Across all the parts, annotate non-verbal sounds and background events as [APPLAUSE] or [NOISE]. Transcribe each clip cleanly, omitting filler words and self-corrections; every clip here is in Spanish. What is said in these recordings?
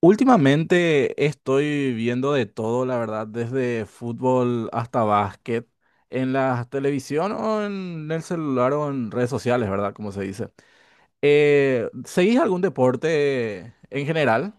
Últimamente estoy viendo de todo, la verdad, desde fútbol hasta básquet, en la televisión o en el celular o en redes sociales, ¿verdad? Como se dice. ¿Seguís algún deporte en general?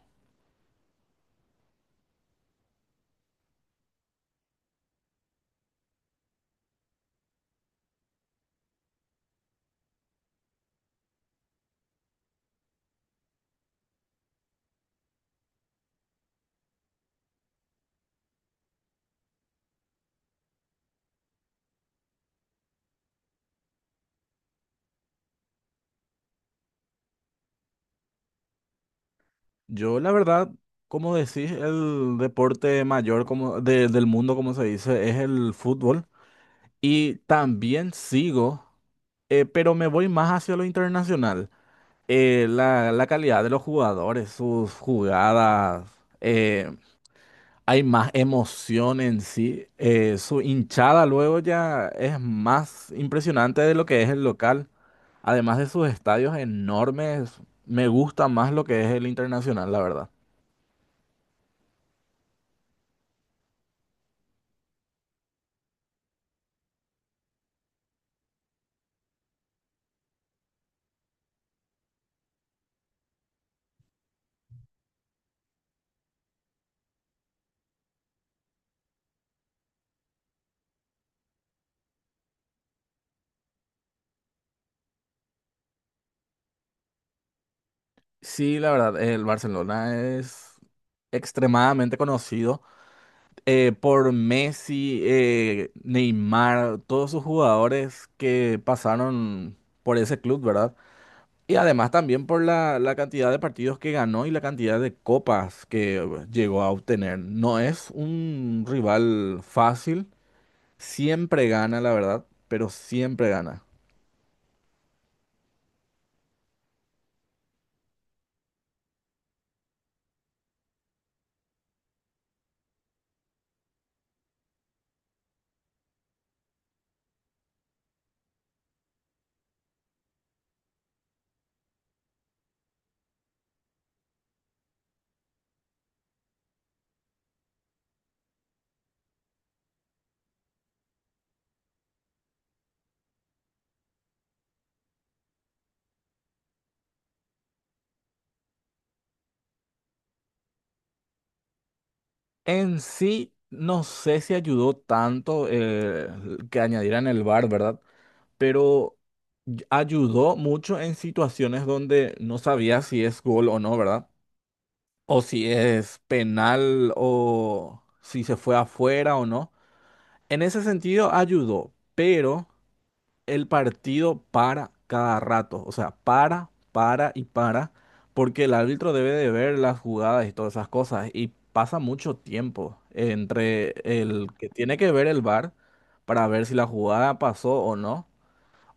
Yo, la verdad, como decís, el deporte mayor como del mundo, como se dice, es el fútbol. Y también sigo, pero me voy más hacia lo internacional. La calidad de los jugadores, sus jugadas, eh, hay más emoción en sí. Su hinchada luego ya es más impresionante de lo que es el local. Además de sus estadios enormes, me gusta más lo que es el internacional, la verdad. Sí, la verdad, el Barcelona es extremadamente conocido, por Messi, Neymar, todos sus jugadores que pasaron por ese club, ¿verdad? Y además también por la cantidad de partidos que ganó y la cantidad de copas que llegó a obtener. No es un rival fácil, siempre gana, la verdad, pero siempre gana. En sí, no sé si ayudó tanto que añadieran el VAR, ¿verdad? Pero ayudó mucho en situaciones donde no sabía si es gol o no, ¿verdad? O si es penal o si se fue afuera o no. En ese sentido ayudó, pero el partido para cada rato, o sea, para y para, porque el árbitro debe de ver las jugadas y todas esas cosas, y pasa mucho tiempo entre el que tiene que ver el VAR para ver si la jugada pasó o no,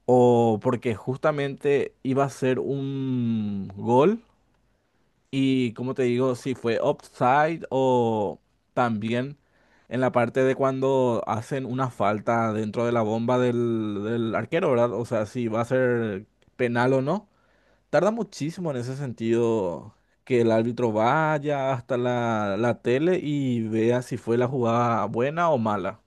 o porque justamente iba a ser un gol y como te digo, si fue offside o también en la parte de cuando hacen una falta dentro de la bomba del arquero, ¿verdad? O sea, si va a ser penal o no. Tarda muchísimo en ese sentido que el árbitro vaya hasta la tele y vea si fue la jugada buena o mala.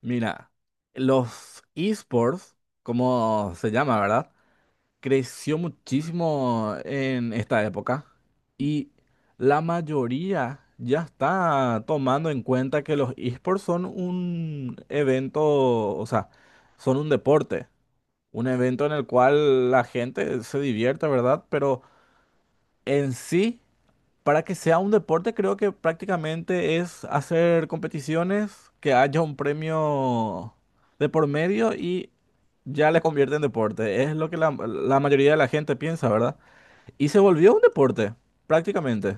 Mira, los esports, como se llama, ¿verdad? Creció muchísimo en esta época y la mayoría ya está tomando en cuenta que los esports son un evento, o sea, son un deporte, un evento en el cual la gente se divierte, ¿verdad? Pero en sí, para que sea un deporte, creo que prácticamente es hacer competiciones, que haya un premio de por medio y ya le convierte en deporte. Es lo que la mayoría de la gente piensa, ¿verdad? Y se volvió un deporte, prácticamente.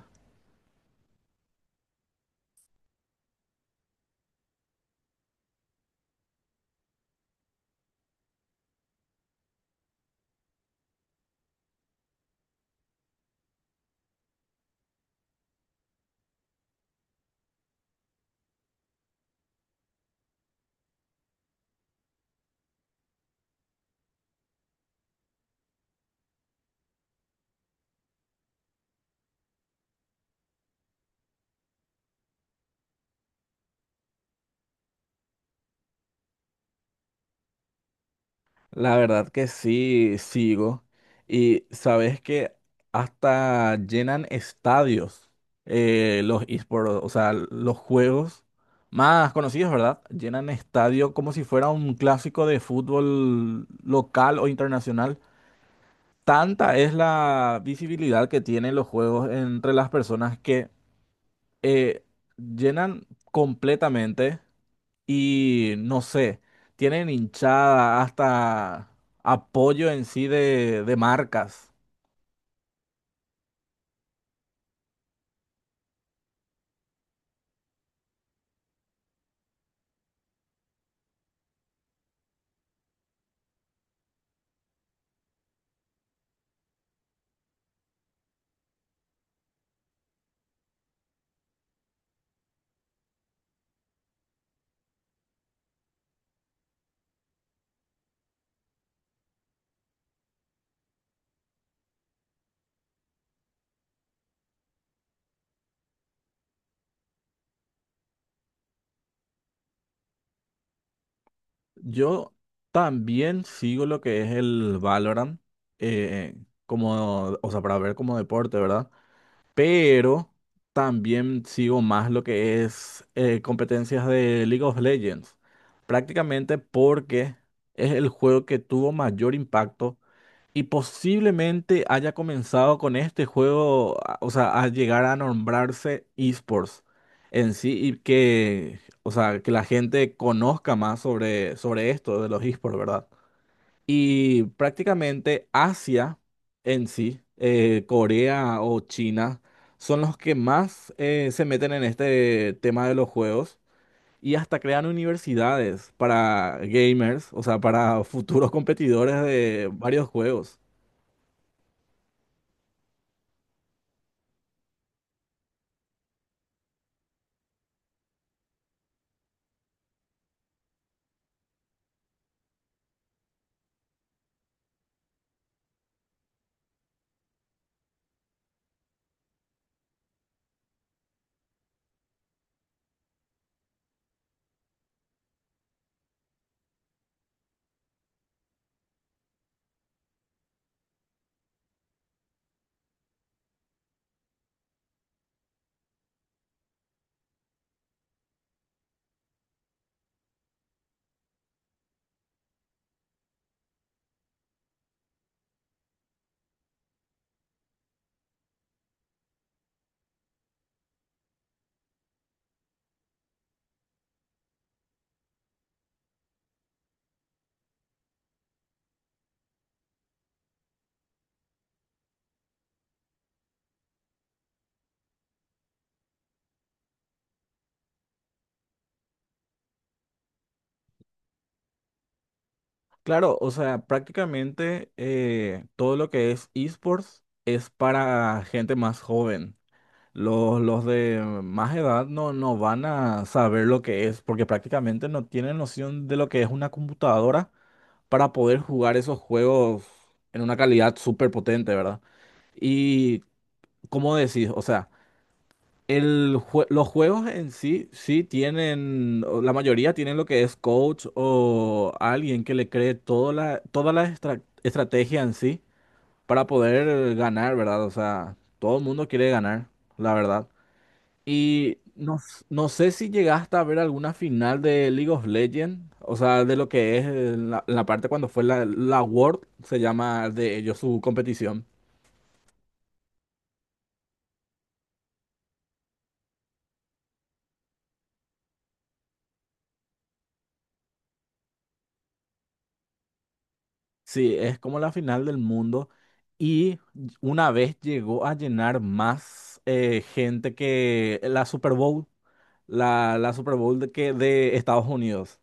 La verdad que sí, sigo. Y sabes que hasta llenan estadios, los esports, o sea, los juegos más conocidos, ¿verdad? Llenan estadio como si fuera un clásico de fútbol local o internacional. Tanta es la visibilidad que tienen los juegos entre las personas que eh, llenan completamente y no sé, tienen hinchada, hasta apoyo en sí de marcas. Yo también sigo lo que es el Valorant, eh, como, o sea, para ver como deporte, ¿verdad? Pero también sigo más lo que es competencias de League of Legends, prácticamente porque es el juego que tuvo mayor impacto y posiblemente haya comenzado con este juego, o sea, a llegar a nombrarse esports en sí y que, o sea, que la gente conozca más sobre, sobre esto de los esports, ¿verdad? Y prácticamente Asia en sí, Corea o China, son los que más se meten en este tema de los juegos y hasta crean universidades para gamers, o sea, para [LAUGHS] futuros competidores de varios juegos. Claro, o sea, prácticamente todo lo que es esports es para gente más joven. Los de más edad no, no van a saber lo que es, porque prácticamente no tienen noción de lo que es una computadora para poder jugar esos juegos en una calidad súper potente, ¿verdad? Y ¿cómo decís? O sea, el los juegos en sí, sí tienen, o la mayoría tienen lo que es coach o alguien que le cree toda toda la estrategia en sí para poder ganar, ¿verdad? O sea, todo el mundo quiere ganar, la verdad. Y no, no sé si llegaste a ver alguna final de League of Legends, o sea, de lo que es la parte cuando fue la World, se llama de ellos su competición. Sí, es como la final del mundo y una vez llegó a llenar más gente que la Super Bowl, la Super Bowl de, que de Estados Unidos.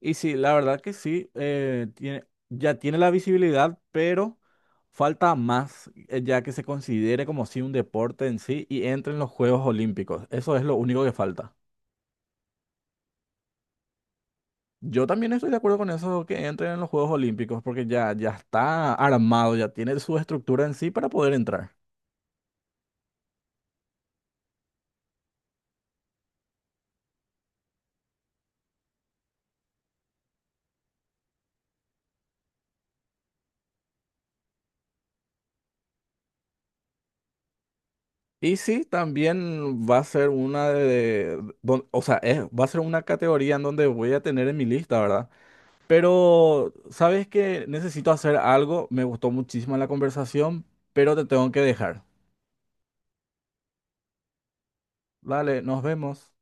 Y sí, la verdad que sí, tiene, ya tiene la visibilidad, pero falta más, ya que se considere como si un deporte en sí y entre en los Juegos Olímpicos. Eso es lo único que falta. Yo también estoy de acuerdo con eso, que entre en los Juegos Olímpicos, porque ya, ya está armado, ya tiene su estructura en sí para poder entrar. Y sí, también va a ser una de, o sea, va a ser una categoría en donde voy a tener en mi lista, ¿verdad? Pero, ¿sabes qué? Necesito hacer algo. Me gustó muchísimo la conversación, pero te tengo que dejar. Dale, nos vemos.